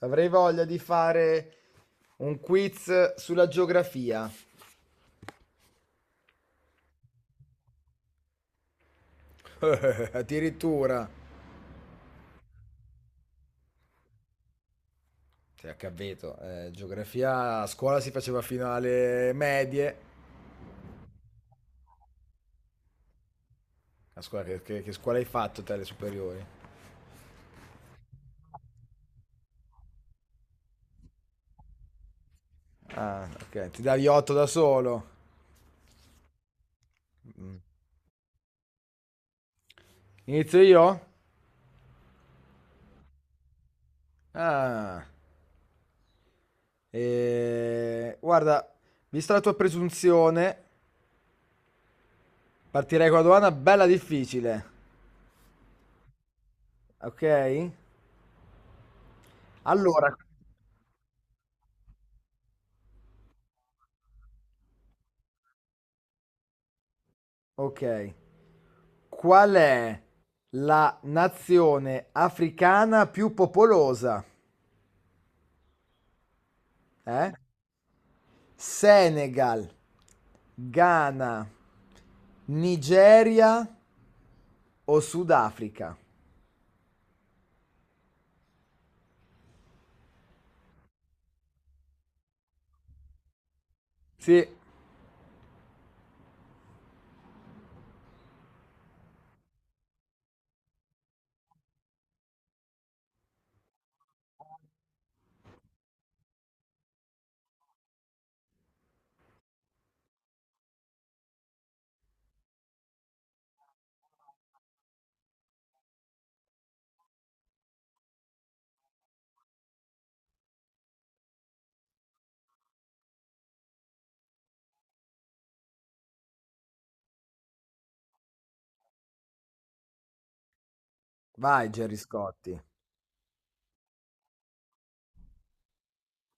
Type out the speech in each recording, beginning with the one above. Avrei voglia di fare un quiz sulla geografia. Addirittura. Sei a capito, geografia a scuola si faceva fino alle medie. A scuola, che scuola hai fatto te alle superiori? Ah, ok, ti davi 8 da solo. Mm. Inizio io? Ah, guarda, vista la tua presunzione, partirei con una domanda bella difficile. Ok? Allora, ok. Qual è la nazione africana più popolosa? Eh? Senegal, Ghana, Nigeria o Sudafrica? Sì, vai Gerry Scotti.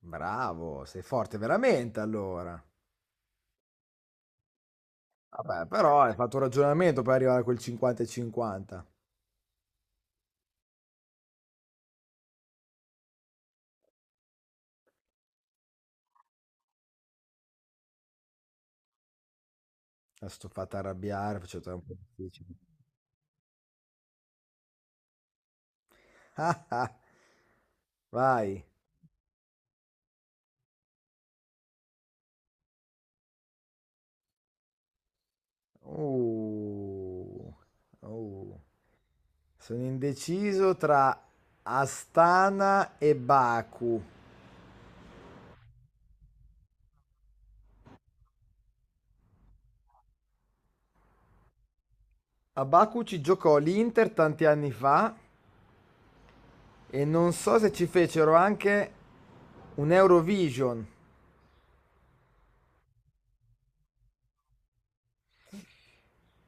Bravo, sei forte veramente allora. Vabbè, però hai fatto un ragionamento per arrivare a quel 50 e 50. Adesso ti ho fatto arrabbiare, faccio un po' difficile. Vai. Oh, oh. Sono indeciso tra Astana e Baku. A Baku ci giocò l'Inter tanti anni fa e non so se ci fecero anche un Eurovision.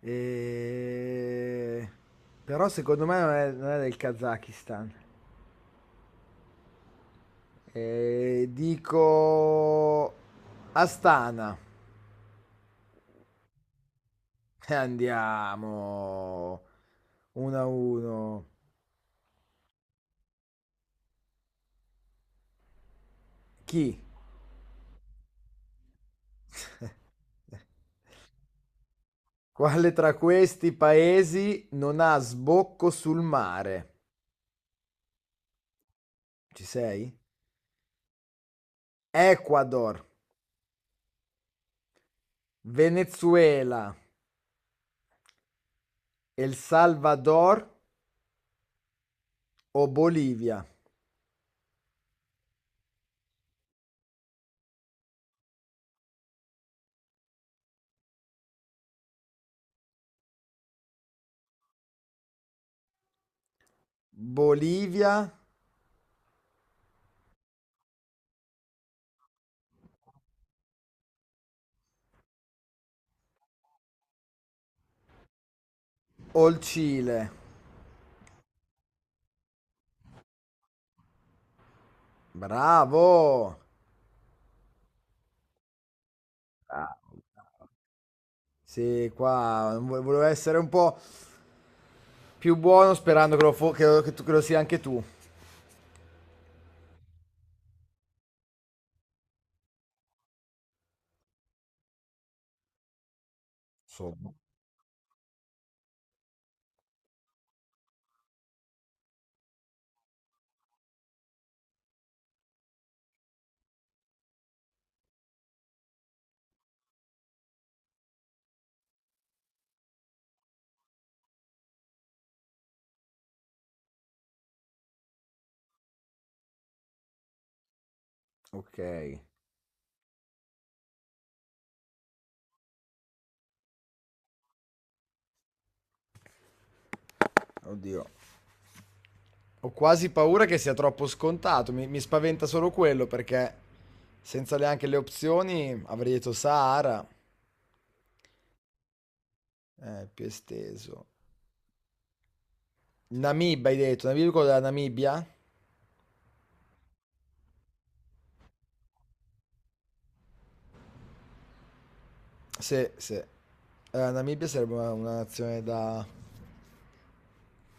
E- Però secondo me non è del Kazakistan. E dico Astana. E andiamo 1 a 1. Chi? Quale tra questi paesi non ha sbocco sul mare? Ci sei? Ecuador, Venezuela, El Salvador o Bolivia? Bolivia o il Cile? Bravo! Bravo. Sì, qua volevo essere un po' più buono sperando che lo, fo- che lo- che tu- che lo sia anche tu. Insomma, ok. Oddio. Ho quasi paura che sia troppo scontato, mi spaventa solo quello perché senza neanche le opzioni avrei detto Sahara, più esteso. Namibia hai detto, Namibia quello della Namibia? Sì, sì. Namibia sarebbe una, nazione da,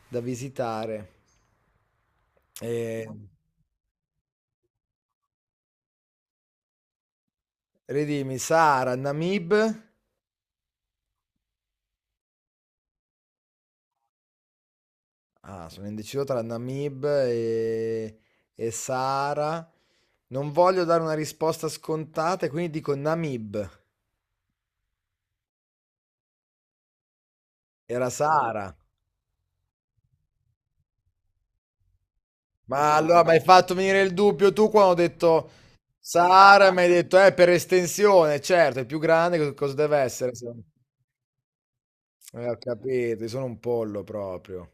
da visitare. E, ridimmi, Sahara, Namib. Ah, sono indeciso tra Namib e Sahara. Non voglio dare una risposta scontata, e quindi dico Namib. Era Sara. Ma allora mi hai fatto venire il dubbio tu quando ho detto Sara, mi hai detto, per estensione, certo, è più grande, cosa deve essere? Se no? Ho capito, io sono un pollo proprio.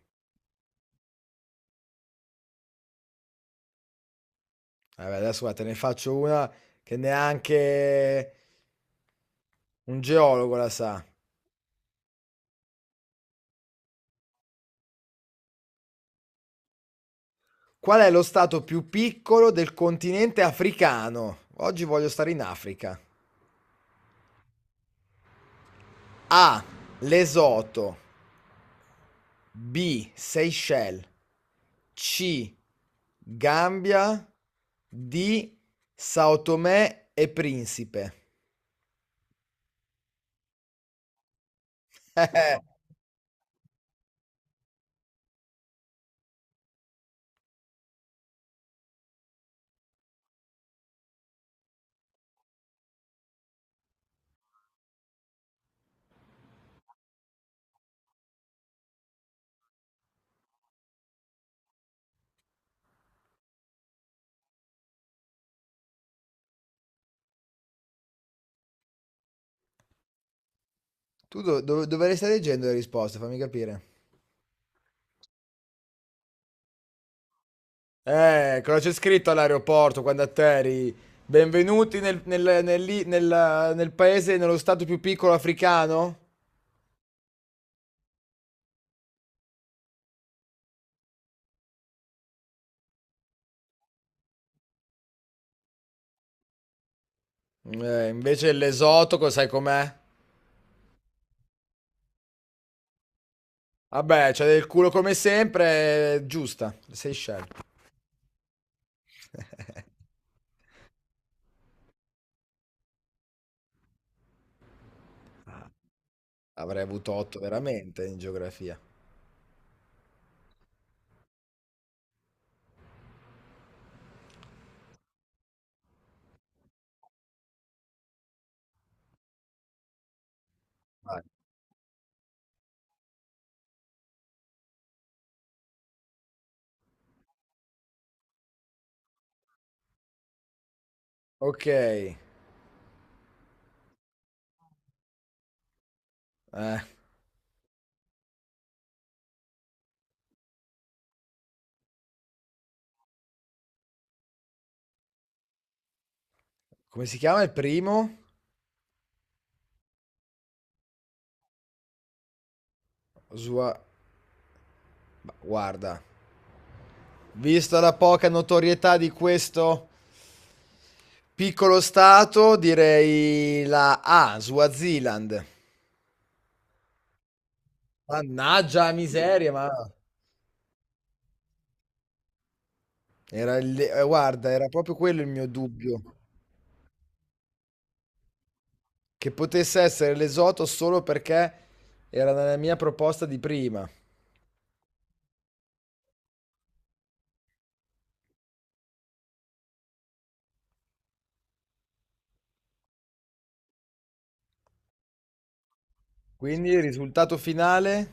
Vabbè, adesso guarda, te ne faccio una che neanche un geologo la sa. Qual è lo stato più piccolo del continente africano? Oggi voglio stare in Africa. A. Lesoto. B. Seychelles. C. Gambia. D. Sao Tomé e Principe. Eh, tu dovresti stare leggendo le risposte, fammi capire. Cosa c'è scritto all'aeroporto quando atterri? Benvenuti nel paese, nello stato più piccolo africano? Invece l'esotico, sai com'è? Vabbè, c'è del culo come sempre, giusta. Seychelles. Avrei avuto 8 veramente in geografia. Vai. Ok, come si chiama il primo? Osua... ma guarda, vista la poca notorietà di questo piccolo stato, direi la A, Swaziland. Mannaggia la miseria, ma guarda, era proprio quello il mio dubbio, che potesse essere l'esoto solo perché era nella mia proposta di prima. Quindi il risultato finale?